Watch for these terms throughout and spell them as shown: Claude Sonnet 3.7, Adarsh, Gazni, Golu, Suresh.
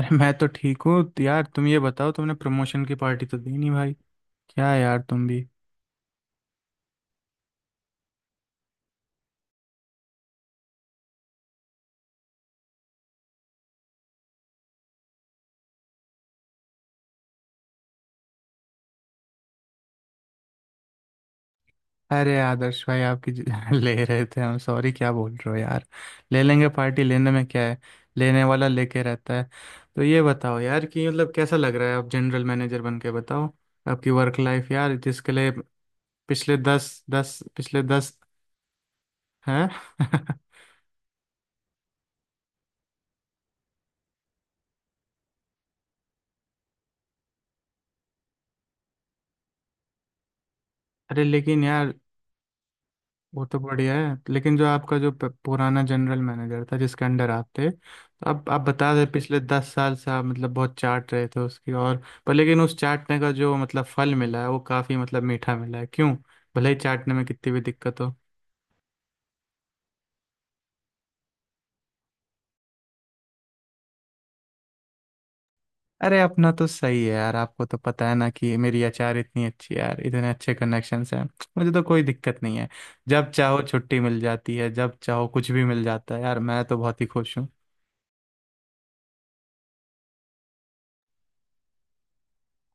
अरे मैं तो ठीक हूँ। तो यार तुम ये बताओ, तुमने प्रमोशन की पार्टी तो दी नहीं भाई। क्या यार तुम भी। अरे आदर्श भाई आपकी ले रहे थे हम। सॉरी, क्या बोल रहे हो यार। ले लेंगे, पार्टी लेने में क्या है। लेने वाला लेके रहता है। तो ये बताओ यार कि मतलब कैसा लग रहा है, आप जनरल मैनेजर बन के बताओ। आपकी वर्क लाइफ यार, जिसके लिए पिछले 10। हैं? अरे लेकिन यार, वो तो बढ़िया है, लेकिन जो आपका जो पुराना जनरल मैनेजर था जिसके अंडर आप थे, तो आप बता रहे पिछले 10 साल से आप मतलब बहुत चाट रहे थे उसकी, और पर लेकिन उस चाटने का जो मतलब फल मिला है वो काफी मतलब मीठा मिला है, क्यों। भले ही चाटने में कितनी भी दिक्कत हो। अरे अपना तो सही है यार। आपको तो पता है ना कि मेरी अचार इतनी अच्छी है यार, इतने अच्छे कनेक्शंस हैं। मुझे तो कोई दिक्कत नहीं है। जब चाहो छुट्टी मिल जाती है, जब चाहो कुछ भी मिल जाता है यार। मैं तो बहुत ही खुश हूँ।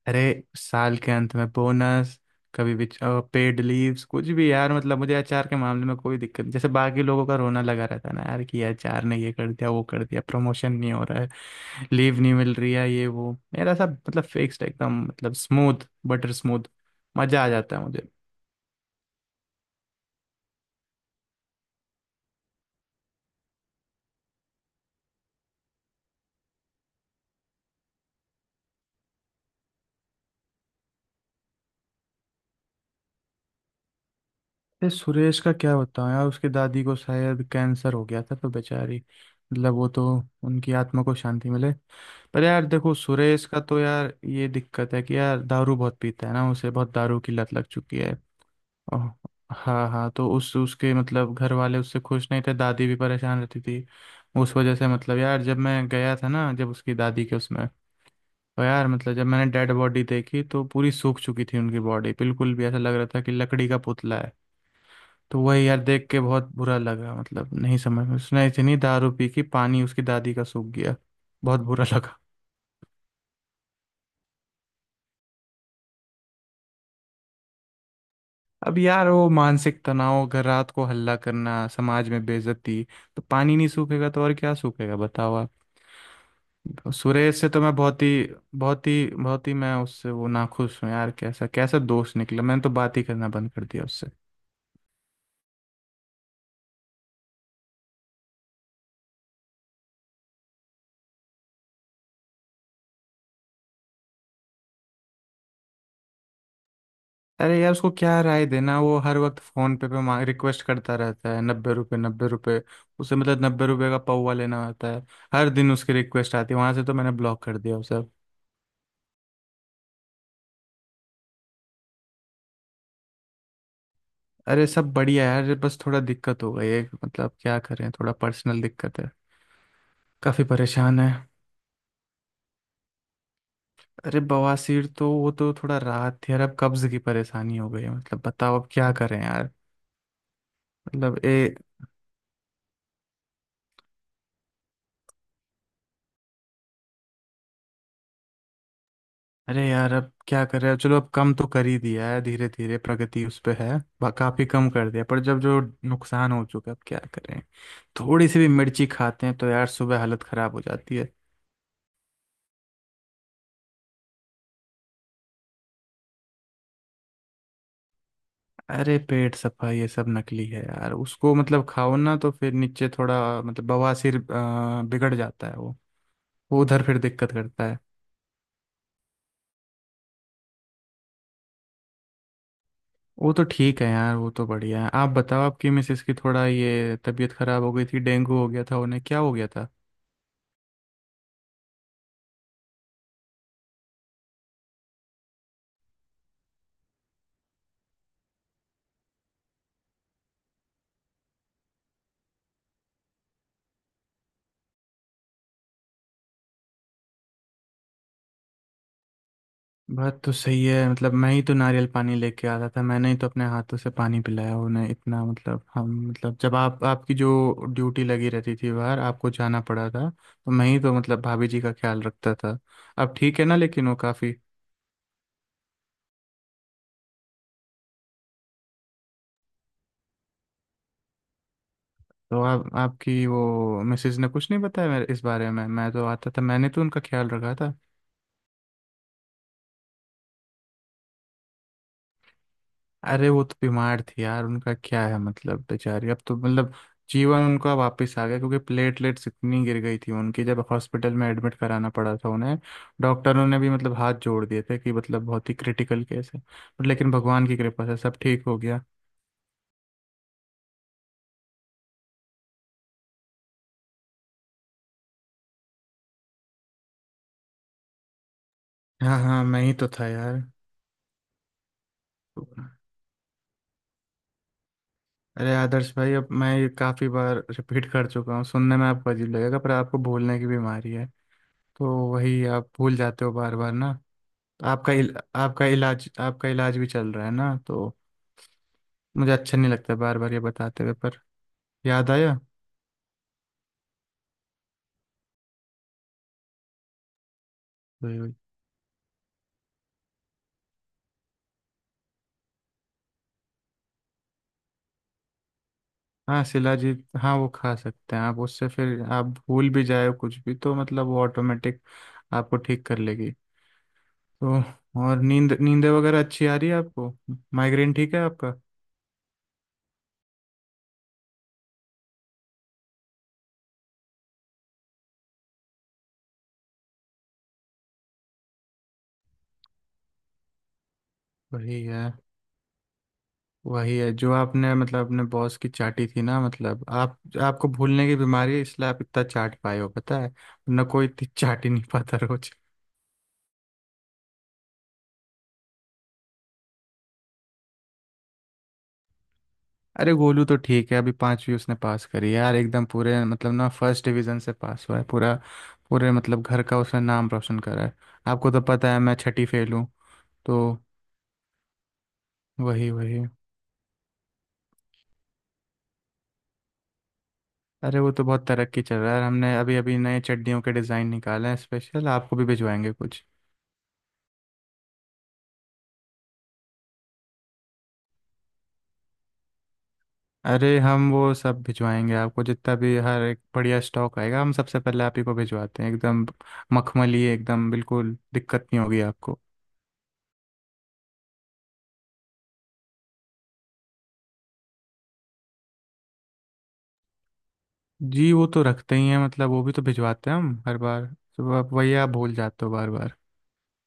अरे साल के अंत में बोनस, कभी भी पेड लीव्स, कुछ भी यार, मतलब मुझे एचआर के मामले में कोई दिक्कत नहीं, जैसे बाकी लोगों का रोना लगा रहता है ना यार कि एचआर ने ये कर दिया वो कर दिया, प्रमोशन नहीं हो रहा है, लीव नहीं मिल रही है, ये वो। मेरा सब मतलब फिक्स्ड, एकदम मतलब स्मूथ, बटर स्मूथ। मजा आ जाता है। ये सुरेश का क्या बताऊं यार। उसकी दादी को शायद कैंसर हो गया था, तो बेचारी मतलब वो तो, उनकी आत्मा को शांति मिले। पर यार देखो सुरेश का तो यार ये दिक्कत है कि यार दारू बहुत पीता है ना, उसे बहुत दारू की लत लग चुकी है। ओह, हाँ हाँ, तो उस उसके मतलब घर वाले उससे खुश नहीं थे, दादी भी परेशान रहती थी। उस वजह से मतलब यार जब मैं गया था ना, जब उसकी दादी के उसमें, तो यार मतलब जब मैंने डेड बॉडी देखी तो पूरी सूख चुकी थी उनकी बॉडी बिल्कुल भी, ऐसा लग रहा था कि लकड़ी का पुतला है। तो वही यार, देख के बहुत बुरा लगा मतलब, नहीं समझ में, उसने इतनी दारू पी कि पानी उसकी दादी का सूख गया। बहुत बुरा लगा। अब यार वो मानसिक तनाव, घर रात को हल्ला करना, समाज में बेइज्जती, तो पानी नहीं सूखेगा तो और क्या सूखेगा, बताओ आप। सुरेश से तो मैं बहुत ही बहुत ही बहुत ही मैं उससे वो नाखुश हूँ यार, कैसा कैसा दोस्त निकला, मैंने तो बात ही करना बंद कर दिया। अरे यार उसको क्या राय देना, वो हर वक्त फोन पे पे मांग रिक्वेस्ट करता रहता है, 90 रुपए 90 रुपए, उसे मतलब 90 रुपए का पौवा लेना होता है। हर दिन उसकी रिक्वेस्ट आती है वहां से, तो मैंने ब्लॉक कर दिया उसे अब। अरे सब बढ़िया है यार, बस थोड़ा दिक्कत हो गई है मतलब, क्या करें, थोड़ा पर्सनल दिक्कत है। काफी परेशान है। अरे बवासीर तो, वो तो थोड़ा राहत थी यार, अब कब्ज की परेशानी हो गई है मतलब, बताओ अब क्या करें यार। मतलब ए अरे यार अब क्या कर रहे हो, चलो अब कम तो कर ही दिया है, धीरे धीरे प्रगति उस पे है। काफी कम कर दिया, पर जब जो नुकसान हो चुका है, अब क्या करें। थोड़ी सी भी मिर्ची खाते हैं तो यार सुबह हालत खराब हो जाती है। अरे पेट सफा ये सब नकली है यार, उसको मतलब खाओ ना तो फिर नीचे थोड़ा मतलब बवासीर बिगड़ जाता है वो। वो उधर फिर दिक्कत करता है। वो तो ठीक है यार, वो तो बढ़िया है। आप बताओ, आपकी मिसेस की थोड़ा ये तबीयत खराब हो गई थी, डेंगू हो गया था, उन्हें क्या हो गया था। बात तो सही है मतलब, मैं ही तो नारियल पानी लेके आता था, मैंने ही तो अपने हाथों से पानी पिलाया उन्हें इतना मतलब। हम मतलब जब आप आपकी जो ड्यूटी लगी रहती थी बाहर आपको जाना पड़ा था, तो मैं ही तो मतलब भाभी जी का ख्याल रखता था। अब ठीक है ना, लेकिन वो काफ़ी। तो आप आपकी वो मिसेज ने कुछ नहीं बताया मेरे इस बारे में। मैं तो आता था, मैंने तो उनका ख्याल रखा था। अरे वो तो बीमार थी यार, उनका क्या है मतलब बेचारी, अब तो मतलब जीवन उनका वापस आ गया, क्योंकि प्लेटलेट्स इतनी गिर गई थी उनकी जब हॉस्पिटल में एडमिट कराना पड़ा था उन्हें। डॉक्टरों ने भी मतलब हाथ जोड़ दिए थे कि मतलब बहुत ही क्रिटिकल केस है, बट लेकिन भगवान की कृपा से सब ठीक हो गया। हाँ हाँ, मैं ही तो था यार। अरे आदर्श भाई, अब मैं ये काफ़ी बार रिपीट कर चुका हूँ, सुनने में आपको अजीब लगेगा, पर आपको भूलने की बीमारी है तो वही आप भूल जाते हो बार बार ना। आपका इलाज भी चल रहा है ना, तो मुझे अच्छा नहीं लगता बार बार ये बताते हुए पर याद आया। वही वही। हाँ शिलाजीत हाँ, वो खा सकते हैं आप, उससे फिर आप भूल भी जाए कुछ भी तो मतलब वो ऑटोमेटिक आपको ठीक कर लेगी। तो और नींद नींद वगैरह अच्छी आ रही है आपको, माइग्रेन ठीक है आपका। वही है, वही है जो आपने मतलब अपने बॉस की चाटी थी ना, मतलब आप आपको भूलने की बीमारी है इसलिए आप इतना चाट पाए हो, पता है ना, कोई इतनी चाट ही नहीं पाता रोज। अरे गोलू तो ठीक है, अभी 5वीं उसने पास करी है यार एकदम, पूरे मतलब ना फर्स्ट डिवीजन से पास हुआ है, पूरा पूरे मतलब घर का उसने नाम रोशन करा है। आपको तो पता है मैं छठी फेल हूँ। तो वही वही। अरे वो तो बहुत तरक्की चल रहा है, हमने अभी अभी नए चड्डियों के डिज़ाइन निकाले हैं स्पेशल, आपको भी भिजवाएंगे कुछ। अरे हम वो सब भिजवाएंगे आपको, जितना भी हर एक बढ़िया स्टॉक आएगा हम सबसे पहले आप ही को भिजवाते हैं, एकदम मखमली, एकदम बिल्कुल दिक्कत नहीं होगी आपको। जी वो तो रखते ही हैं मतलब, वो भी तो भिजवाते हैं हम हर बार। तो आप वही, आप भूल जाते हो बार बार।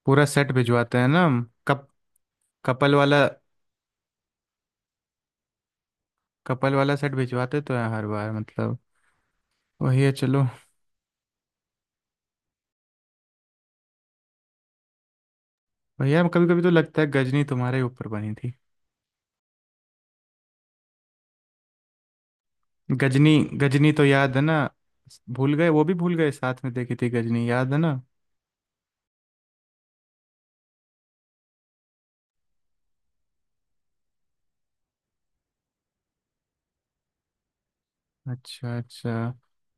पूरा सेट भिजवाते हैं ना हम, कप कपल वाला कपल वाला सेट भिजवाते तो हैं हर बार मतलब। वही है, चलो भैया, कभी कभी तो लगता है गजनी तुम्हारे ऊपर बनी थी। गजनी, गजनी तो याद है ना? भूल गए? वो भी भूल गए, साथ में देखी थी गजनी, याद है ना? अच्छा अच्छा,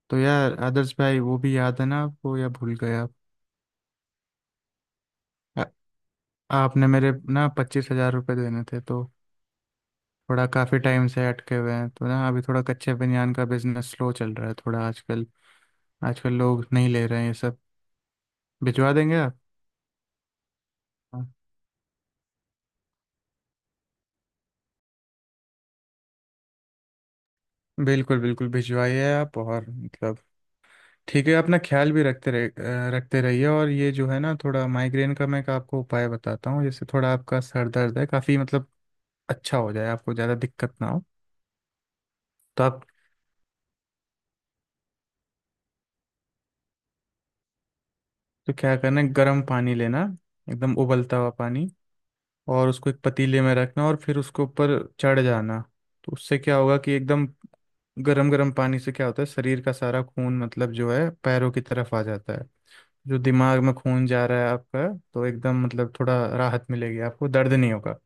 तो यार आदर्श भाई वो भी याद है ना आपको, या भूल गए आप? आ- आपने मेरे ना 25,000 रुपये देने थे तो, थोड़ा काफ़ी टाइम से अटके हुए हैं तो ना, अभी थोड़ा कच्चे बनियान का बिजनेस स्लो चल रहा है थोड़ा आजकल। आजकल लोग नहीं ले रहे हैं ये सब। भिजवा देंगे आप? हाँ। बिल्कुल बिल्कुल भिजवाइए आप। और मतलब ठीक है, अपना ख्याल भी रखते रह, रखते रहिए। और ये जो है ना, थोड़ा माइग्रेन का मैं एक आपको उपाय बताता हूँ, जैसे थोड़ा आपका सर दर्द है काफ़ी मतलब, अच्छा हो जाए, आपको ज़्यादा दिक्कत ना हो। तो आप तो क्या करना है, गर्म पानी लेना, एकदम उबलता हुआ पानी, और उसको एक पतीले में रखना, और फिर उसके ऊपर चढ़ जाना। तो उससे क्या होगा कि एकदम गरम गरम पानी से क्या होता है, शरीर का सारा खून मतलब जो है, पैरों की तरफ आ जाता है, जो दिमाग में खून जा रहा है आपका, तो एकदम मतलब थोड़ा राहत मिलेगी आपको, दर्द नहीं होगा।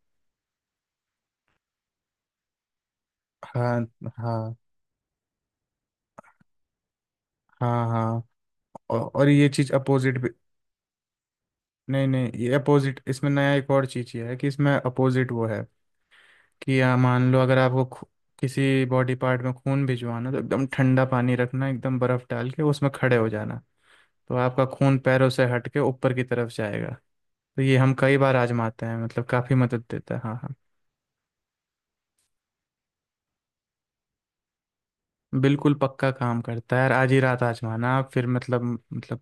हाँ हाँ। हाँ हाँ। और ये चीज अपोजिट भी। नहीं नहीं, ये अपोजिट इसमें नया एक और चीज ये है, कि इसमें अपोजिट वो है कि मान लो, अगर आपको किसी बॉडी पार्ट में खून भिजवाना, तो एकदम ठंडा पानी रखना, एकदम बर्फ डाल के उसमें खड़े हो जाना। तो आपका खून पैरों से हट के ऊपर की तरफ जाएगा। तो ये हम कई बार आजमाते हैं मतलब, काफ़ी मदद देता है। हाँ हाँ। बिल्कुल पक्का काम करता है यार, आज ही रात आजमाना आप, फिर मतलब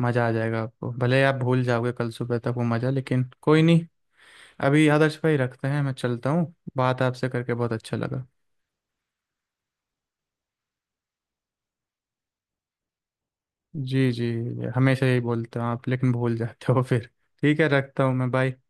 मज़ा आ जाएगा आपको, भले आप भूल जाओगे कल सुबह तक वो मज़ा, लेकिन कोई नहीं। अभी आदर्श भाई रखते हैं, मैं चलता हूँ, बात आपसे करके बहुत अच्छा लगा। जी जी, हमेशा यही बोलते हो आप लेकिन भूल जाते हो फिर। ठीक है रखता हूँ मैं, बाय।